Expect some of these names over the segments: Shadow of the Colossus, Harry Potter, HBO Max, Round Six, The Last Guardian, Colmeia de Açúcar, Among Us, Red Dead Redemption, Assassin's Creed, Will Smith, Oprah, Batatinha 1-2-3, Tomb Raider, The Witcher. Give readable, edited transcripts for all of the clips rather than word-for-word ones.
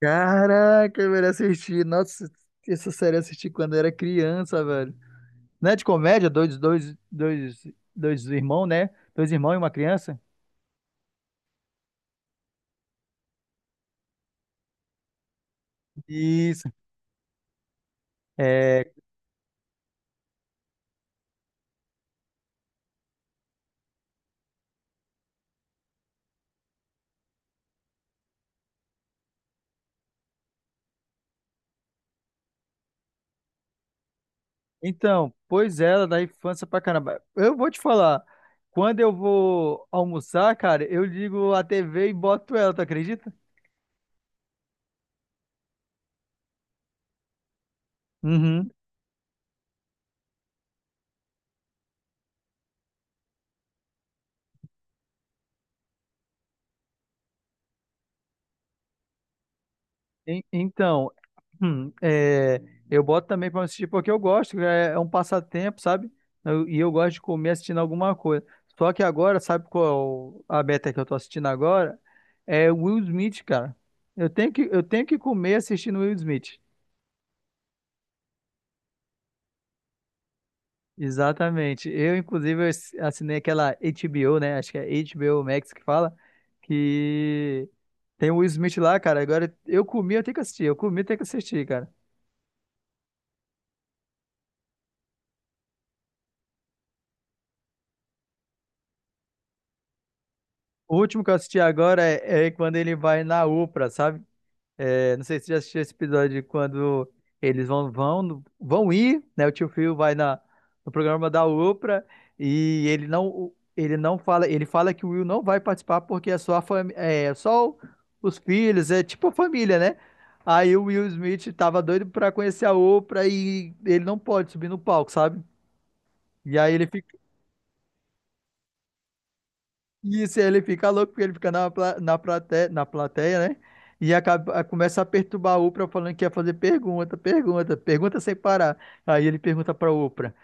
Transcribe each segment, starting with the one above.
Caraca, eu assisti. Nossa, essa série eu assisti quando eu era criança, velho. Não é de comédia? Dois irmãos, né? Dois irmãos e uma criança? Isso. É, então, pois é, ela da infância pra caramba. Eu vou te falar, quando eu vou almoçar, cara, eu ligo a TV e boto ela, tu acredita? Uhum. Então, hum, é, eu boto também para assistir porque eu gosto, é um passatempo, sabe? E eu gosto de comer assistindo alguma coisa. Só que agora, sabe qual a meta que eu tô assistindo agora? É o Will Smith, cara. Eu tenho que comer assistindo Will Smith. Exatamente. Eu, inclusive, eu assinei aquela HBO, né? Acho que é HBO Max que fala, que tem o Will Smith lá, cara. Agora eu comi, eu tenho que assistir. Eu comi, eu tenho que assistir, cara. O último que eu assisti agora é quando ele vai na UPA, sabe? É, não sei se você já assistiu esse episódio de quando eles vão vão no- vão ir, né? O tio Phil vai no programa da UPA e ele não fala, ele fala que o Will não vai participar porque é só a fami- é só o- os filhos, é tipo a família, né? Aí o Will Smith tava doido pra conhecer a Oprah e ele não pode subir no palco, sabe? E aí ele fica E isso ele fica louco, porque ele fica na plateia, né? E acaba, começa a perturbar a Oprah falando que ia fazer pergunta, pergunta, pergunta sem parar. Aí ele pergunta pra Oprah,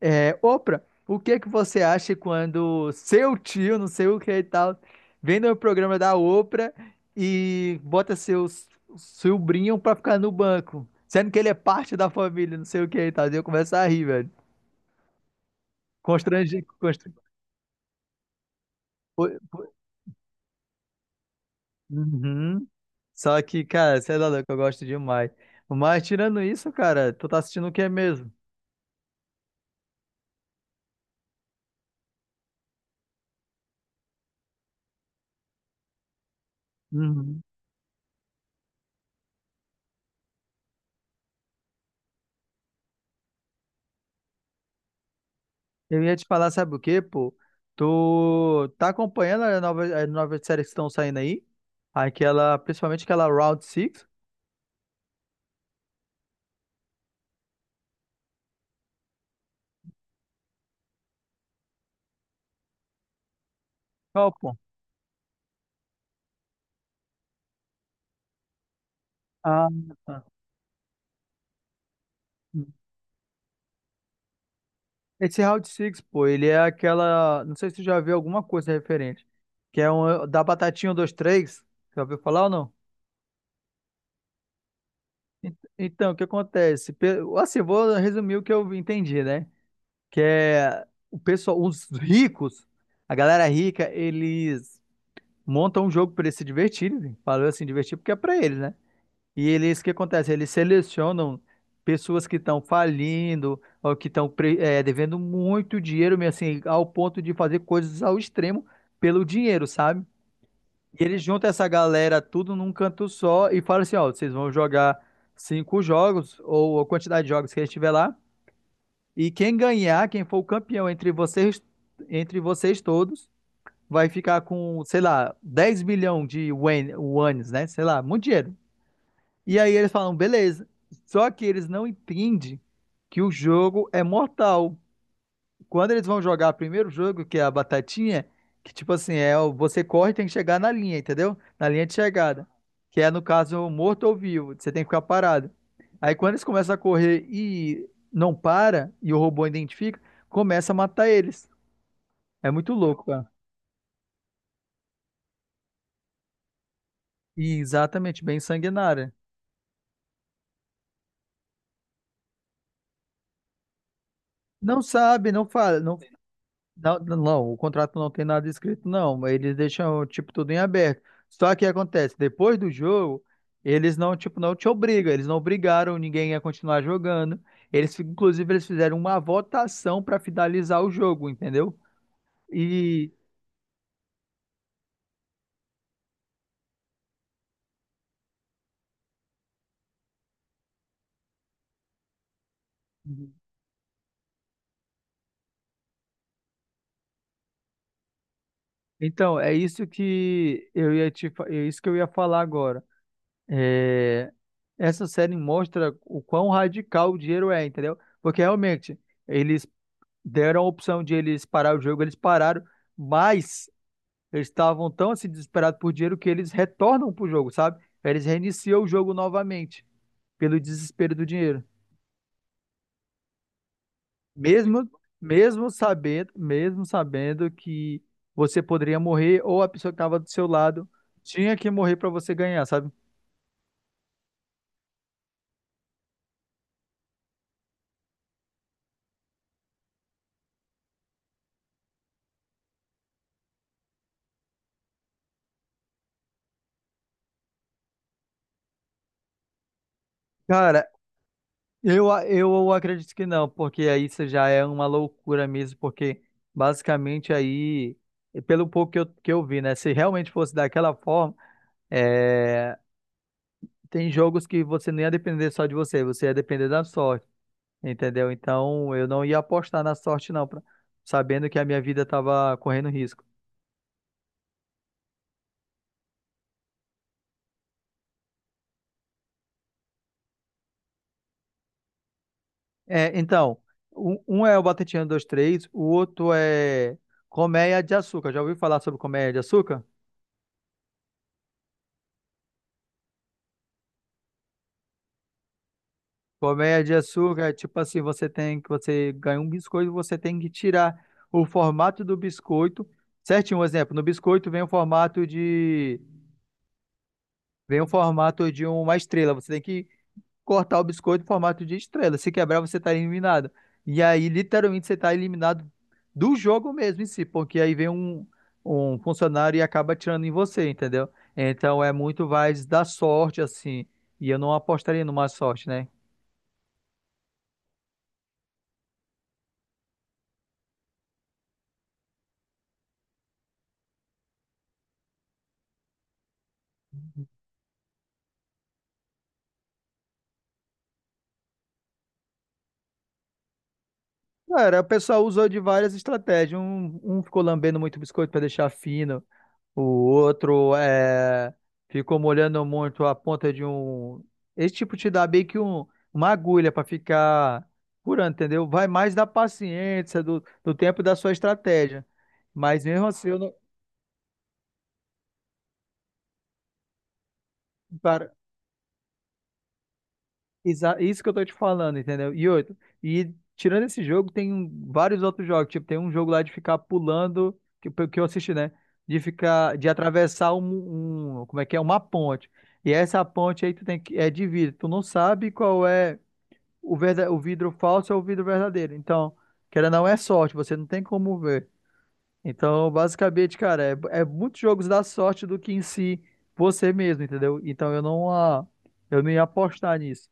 Oprah, o que é que você acha quando seu tio, não sei o que e tal, vem no programa da Oprah e bota seus sobrinho pra ficar no banco, sendo que ele é parte da família, não sei o que e tal. E eu começo a rir, velho. Constrangido, constrangido. Uhum. Só que, cara, você é louco, eu gosto demais. Mas tirando isso, cara, tu tá assistindo o que mesmo? Uhum. Eu ia te falar, sabe o quê, pô? Tu tá acompanhando as novas séries que estão saindo aí? Aquela, principalmente aquela Round Six. Qual, pô? Ah, tá. Esse Round Six pô, ele é aquela. Não sei se tu já viu alguma coisa referente. Que é um da Batatinha 1-2-3. Já ouviu falar ou não? Então, o que acontece? Assim, eu vou resumir o que eu entendi, né? Que é o pessoal, os ricos, a galera rica, eles montam um jogo para eles se divertirem. Falou assim, divertir porque é para eles, né? E eles, o que acontece? Eles selecionam pessoas que estão falindo ou que estão devendo muito dinheiro, mesmo assim, ao ponto de fazer coisas ao extremo pelo dinheiro, sabe? E eles juntam essa galera tudo num canto só e falam assim, ó, vocês vão jogar cinco jogos ou a quantidade de jogos que a gente tiver lá. E quem ganhar, quem for o campeão entre vocês todos, vai ficar com, sei lá, 10 milhões de wones, né? Sei lá, muito dinheiro. E aí eles falam, beleza. Só que eles não entendem que o jogo é mortal. Quando eles vão jogar o primeiro jogo, que é a batatinha, que tipo assim, você corre e tem que chegar na linha, entendeu? Na linha de chegada. Que é, no caso, morto ou vivo. Você tem que ficar parado. Aí quando eles começam a correr e não para, e o robô identifica, começa a matar eles. É muito louco, cara. E exatamente, bem sanguinária. Não sabe, não fala, não. Não, não, o contrato não tem nada escrito, não, mas eles deixam, tipo, tudo em aberto. Só que acontece, depois do jogo, eles não, tipo, não te obrigam. Eles não obrigaram ninguém a continuar jogando. Eles, fi- inclusive, eles fizeram uma votação para finalizar o jogo, entendeu? E então, é isso que eu ia te, fa- é isso que eu ia falar agora. É, essa série mostra o quão radical o dinheiro é, entendeu? Porque realmente, eles deram a opção de eles parar o jogo, eles pararam, mas eles estavam tão assim desesperados por dinheiro que eles retornam pro jogo, sabe? Eles reiniciam o jogo novamente pelo desespero do dinheiro. Mesmo mesmo sabendo que você poderia morrer ou a pessoa que estava do seu lado tinha que morrer para você ganhar, sabe? Cara, eu acredito que não, porque aí isso já é uma loucura mesmo, porque basicamente aí, pelo pouco que eu vi, né? Se realmente fosse daquela forma, é, tem jogos que você não ia depender só de você, você ia depender da sorte, entendeu? Então eu não ia apostar na sorte, não, sabendo que a minha vida tava correndo risco. É, então, um é o Batatinha 2 três, o outro é Colmeia de Açúcar. Já ouviu falar sobre Colmeia de Açúcar? Colmeia de açúcar, é tipo assim, você tem que você ganha um biscoito, você tem que tirar o formato do biscoito. Certinho, um exemplo, no biscoito vem o formato de uma estrela. Você tem que cortar o biscoito em formato de estrela. Se quebrar, você está eliminado. E aí, literalmente, você está eliminado do jogo mesmo em si, porque aí vem um funcionário e acaba tirando em você, entendeu? Então é muito mais da sorte assim. E eu não apostaria numa sorte, né? Cara, o pessoal usou de várias estratégias. Um ficou lambendo muito biscoito para deixar fino, o outro ficou molhando muito a ponta de um. Esse tipo te dá meio que uma agulha para ficar curando, entendeu? Vai mais da paciência, do tempo e da sua estratégia. Mas mesmo assim, eu não. Cara, isso que eu tô te falando, entendeu? E outro, e tirando esse jogo, tem vários outros jogos. Tipo, tem um jogo lá de ficar pulando, que eu assisti, né? De atravessar como é que é? Uma ponte. E essa ponte aí é de vidro. Tu não sabe qual é o vidro falso ou o vidro verdadeiro. Então, querendo ou não, é sorte, você não tem como ver. Então, basicamente, cara, é muitos jogos da sorte do que em si você mesmo, entendeu? Então, eu não ia apostar nisso.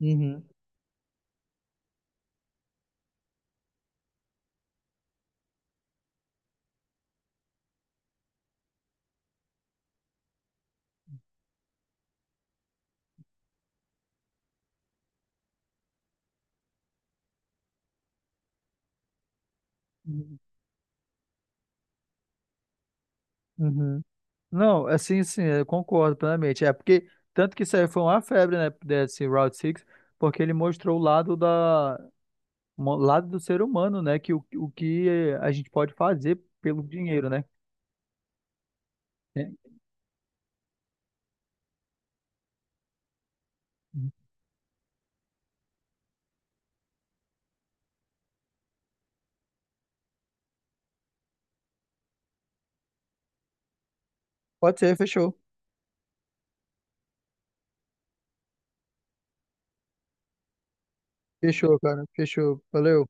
Uhum. Uhum. Uhum. Não, assim, sim, eu concordo plenamente. É porque, tanto que isso aí foi uma febre, né, desse Route 6, porque ele mostrou o lado lado do ser humano, né, o que a gente pode fazer pelo dinheiro, né? É. Pode ser, fechou. Fechou, cara. Fechou. Valeu.